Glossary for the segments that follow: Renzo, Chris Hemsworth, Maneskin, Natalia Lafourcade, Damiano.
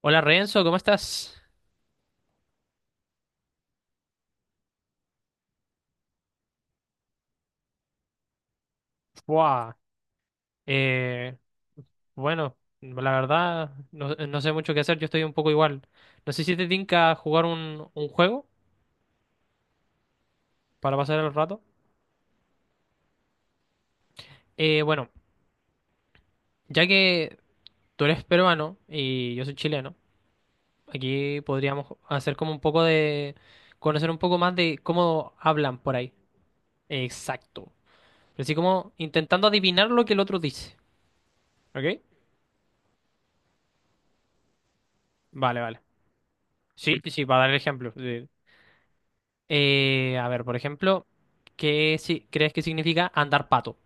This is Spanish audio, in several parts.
Hola Renzo, ¿cómo estás? Buah. Eh, bueno, la verdad, no sé mucho qué hacer, yo estoy un poco igual. No sé si te tinca jugar un juego para pasar el rato. Bueno, ya que tú eres peruano y yo soy chileno, aquí podríamos hacer como un poco de... conocer un poco más de cómo hablan por ahí. Exacto. Así como intentando adivinar lo que el otro dice. ¿Ok? Vale, vale. Sí, sí, para dar el ejemplo, sí. A ver, por ejemplo, ¿qué si crees que significa andar pato?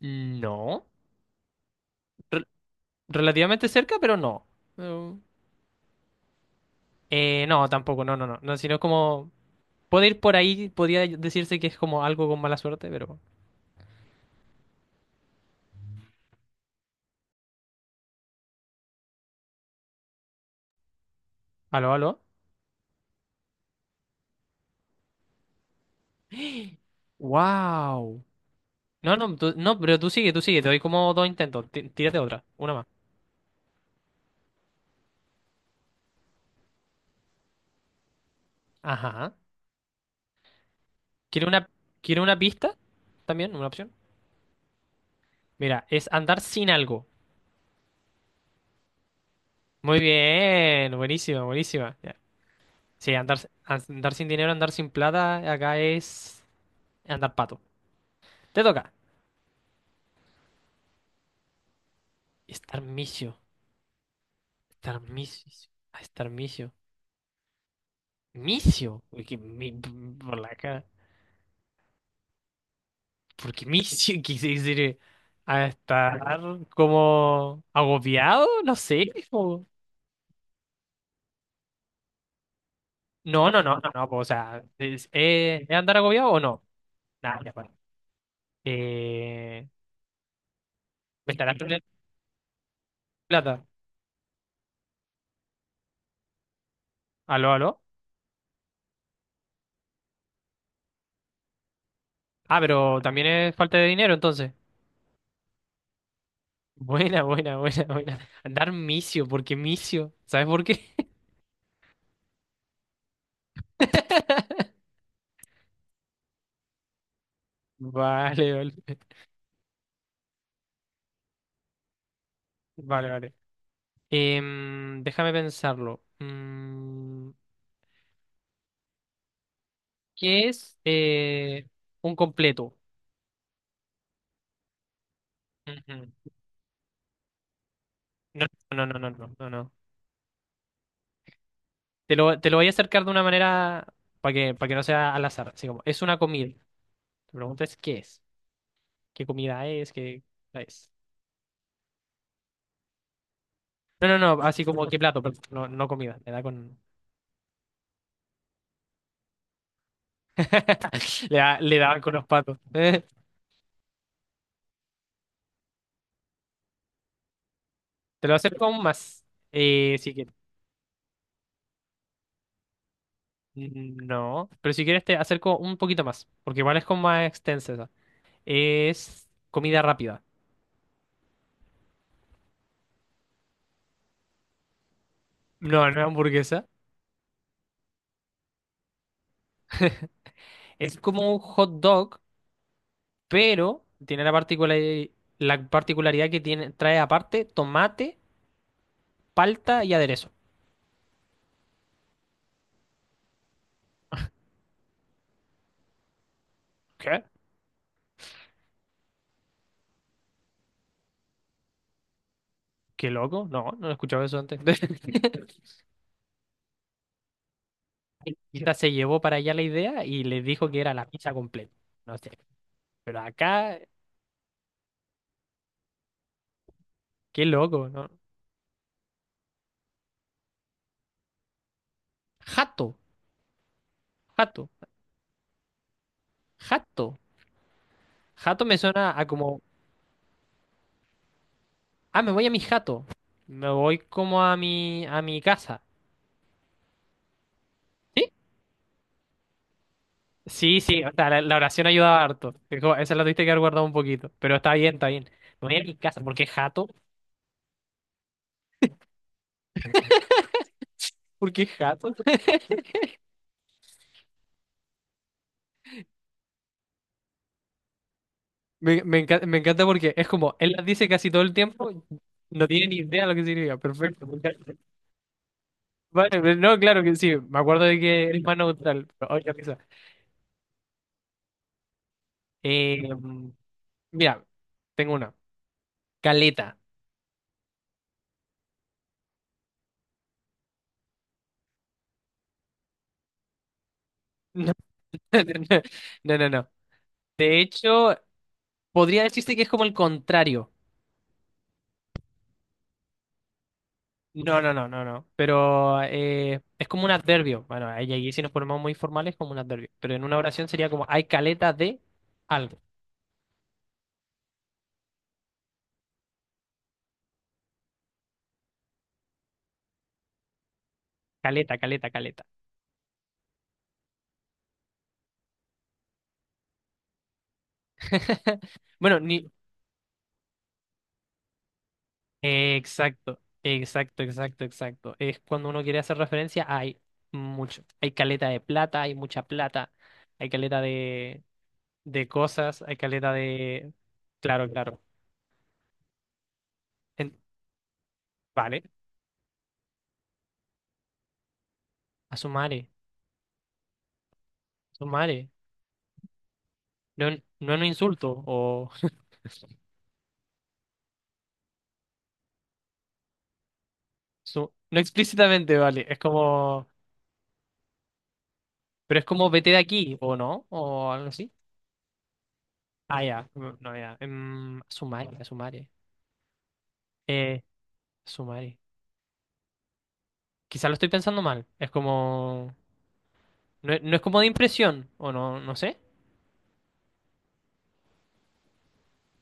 No. Re- Relativamente cerca, pero no. No. No, tampoco, no, no, no. No, sino como... Puede ir por ahí, podría decirse que es como algo con mala suerte, pero... ¿Aló, aló? Wow. No, no, no, pero tú sigue, tú sigue. Te doy como dos intentos. Tírate otra, una más. Ajá. ¿Quiere una, quiere una pista? También, una opción. Mira, es andar sin algo. Muy bien, buenísima, buenísima. Sí, andar sin dinero, andar sin plata, acá es andar pato. Te toca. Estar misio. Estar misio. Estar misio. ¿Misio? Uy, que por la cara. Porque misio quise decir a estar como agobiado, no sé. o- No, no, no, no, no. O sea, ¿es andar agobiado o no? Nada, ya para. Eh, ¿Me estarás perdiendo plata? ¿Aló, aló? Ah, pero también es falta de dinero entonces. Buena, buena, buena, buena. Andar misio, porque misio. ¿Sabes por qué? Vale, vale. Vale, vale. Déjame pensarlo. Mm, ¿qué es un completo? Ujú. No, no, no, no, no, no, no. Te lo voy a acercar de una manera para que no sea al azar. Así como, es una comida. Te preguntas qué es, qué comida es, qué es. No, no, no, así como qué plato, pero no, no comida. Me da con... Le, le daban con los patos. Te lo acerco aún más. Si quieres. Mm, no, pero si quieres te acerco un poquito más, porque igual es como más extensa esa. Es comida rápida. No, no es hamburguesa. Es como un hot dog, pero tiene la la particularidad que tiene, trae aparte tomate, palta y aderezo. ¿Qué? ¿Qué loco? No, no he escuchado eso antes. Quizás se llevó para allá la idea y les dijo que era la pizza completa. No sé. Pero acá... Qué loco, ¿no? Jato, jato, jato. Jato me suena a como, ah, me voy a mi jato. Me voy como a mi casa. ¿Sí? Sí, sí, o sea, la oración ayudaba harto. Es como... Esa la tuviste que haber guardado un poquito. Pero está bien, está bien. Me voy a mi casa. ¿Por qué jato? ¿Por qué jato? Me encanta, me encanta porque es como, él las dice casi todo el tiempo, no tiene ni idea lo que significa. Perfecto, me encanta. Vale, pero no, claro que sí. Me acuerdo de que eres más neutral. Pero, oye, qué risa. Mira, tengo una. Caleta. No, no, no, no. De hecho, podría decirse que es como el contrario. No, no, no, no, no. Pero es como un adverbio. Bueno, ahí, ahí si nos ponemos muy formales, como un adverbio. Pero en una oración sería como hay caleta de algo. Caleta, caleta, caleta. Bueno, ni... Exacto, exacto, exacto, exacto. Es cuando uno quiere hacer referencia, hay mucho. Hay caleta de plata, hay mucha plata, hay caleta de cosas, hay caleta de... Claro, claro. En... Vale, a su madre, a su madre. No, no es un insulto, o... su... No explícitamente, vale. Es como... Pero es como vete de aquí, ¿o no? O algo así. Ah, ya. Mm, no, ya. A su madre, a su madre. Eh, a su madre. Quizá lo estoy pensando mal. Es como... No, es no es como de impresión, o no, no sé.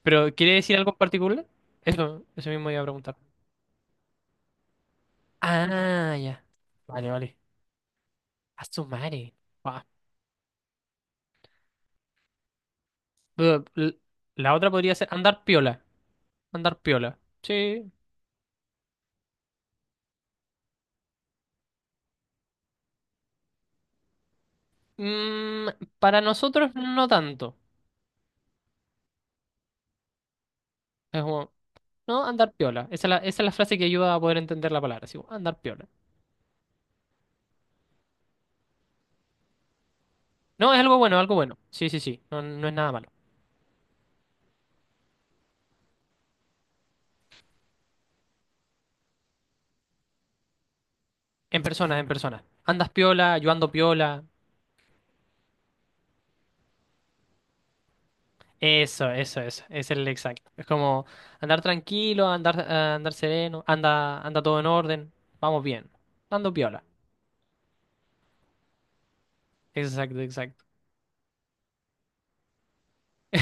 Pero ¿quiere decir algo en particular? Eso mismo iba a preguntar. Ah, ya. Vale, vale. A su madre. Pero la otra podría ser andar piola. Andar piola. Sí. Mm, para nosotros no tanto. Es como, no, andar piola. Esa es la frase que ayuda a poder entender la palabra. Así como, andar piola. No, es algo bueno, algo bueno. Sí, sí, sí. No, no es nada malo. En persona, en persona. Andas piola, yo ando piola. Eso, eso, eso. Es el exacto. Es como andar tranquilo, andar, andar sereno, anda, anda todo en orden. Vamos bien. Ando piola. Exacto, exacto.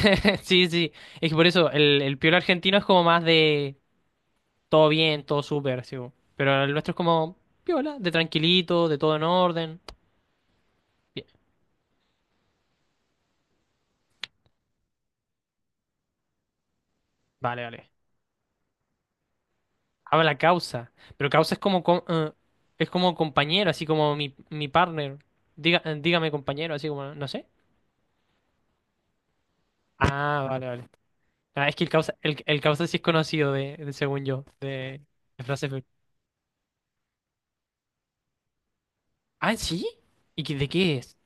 Sí, sí. Es que por eso el piola argentino es como más de todo bien, todo súper, sí. Bo. Pero el nuestro es como piola, de tranquilito, de todo en orden. Bien, vale, vale. Habla causa. Pero causa es como es como compañero, así como mi partner. Diga, dígame compañero, así como, no sé. Ah, vale, vale. Ah, es que el causa, el causa sí es conocido de... según yo, de frases. Fe... Ah, ¿sí? ¿Y qué, de qué es?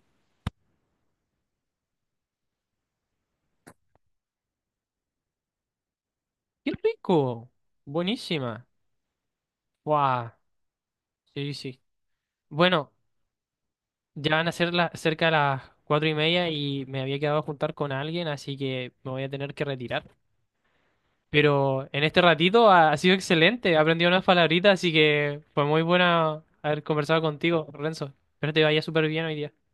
¡Qué rico! Buenísima. ¡Guau! Sí, sí. Bueno, ya van a ser las cerca de las 4:30 y me había quedado a juntar con alguien, así que me voy a tener que retirar. Pero en este ratito ha, ha sido excelente, he aprendido unas palabritas, así que fue muy buena haber conversado contigo, Renzo. Espero te vaya súper bien hoy día.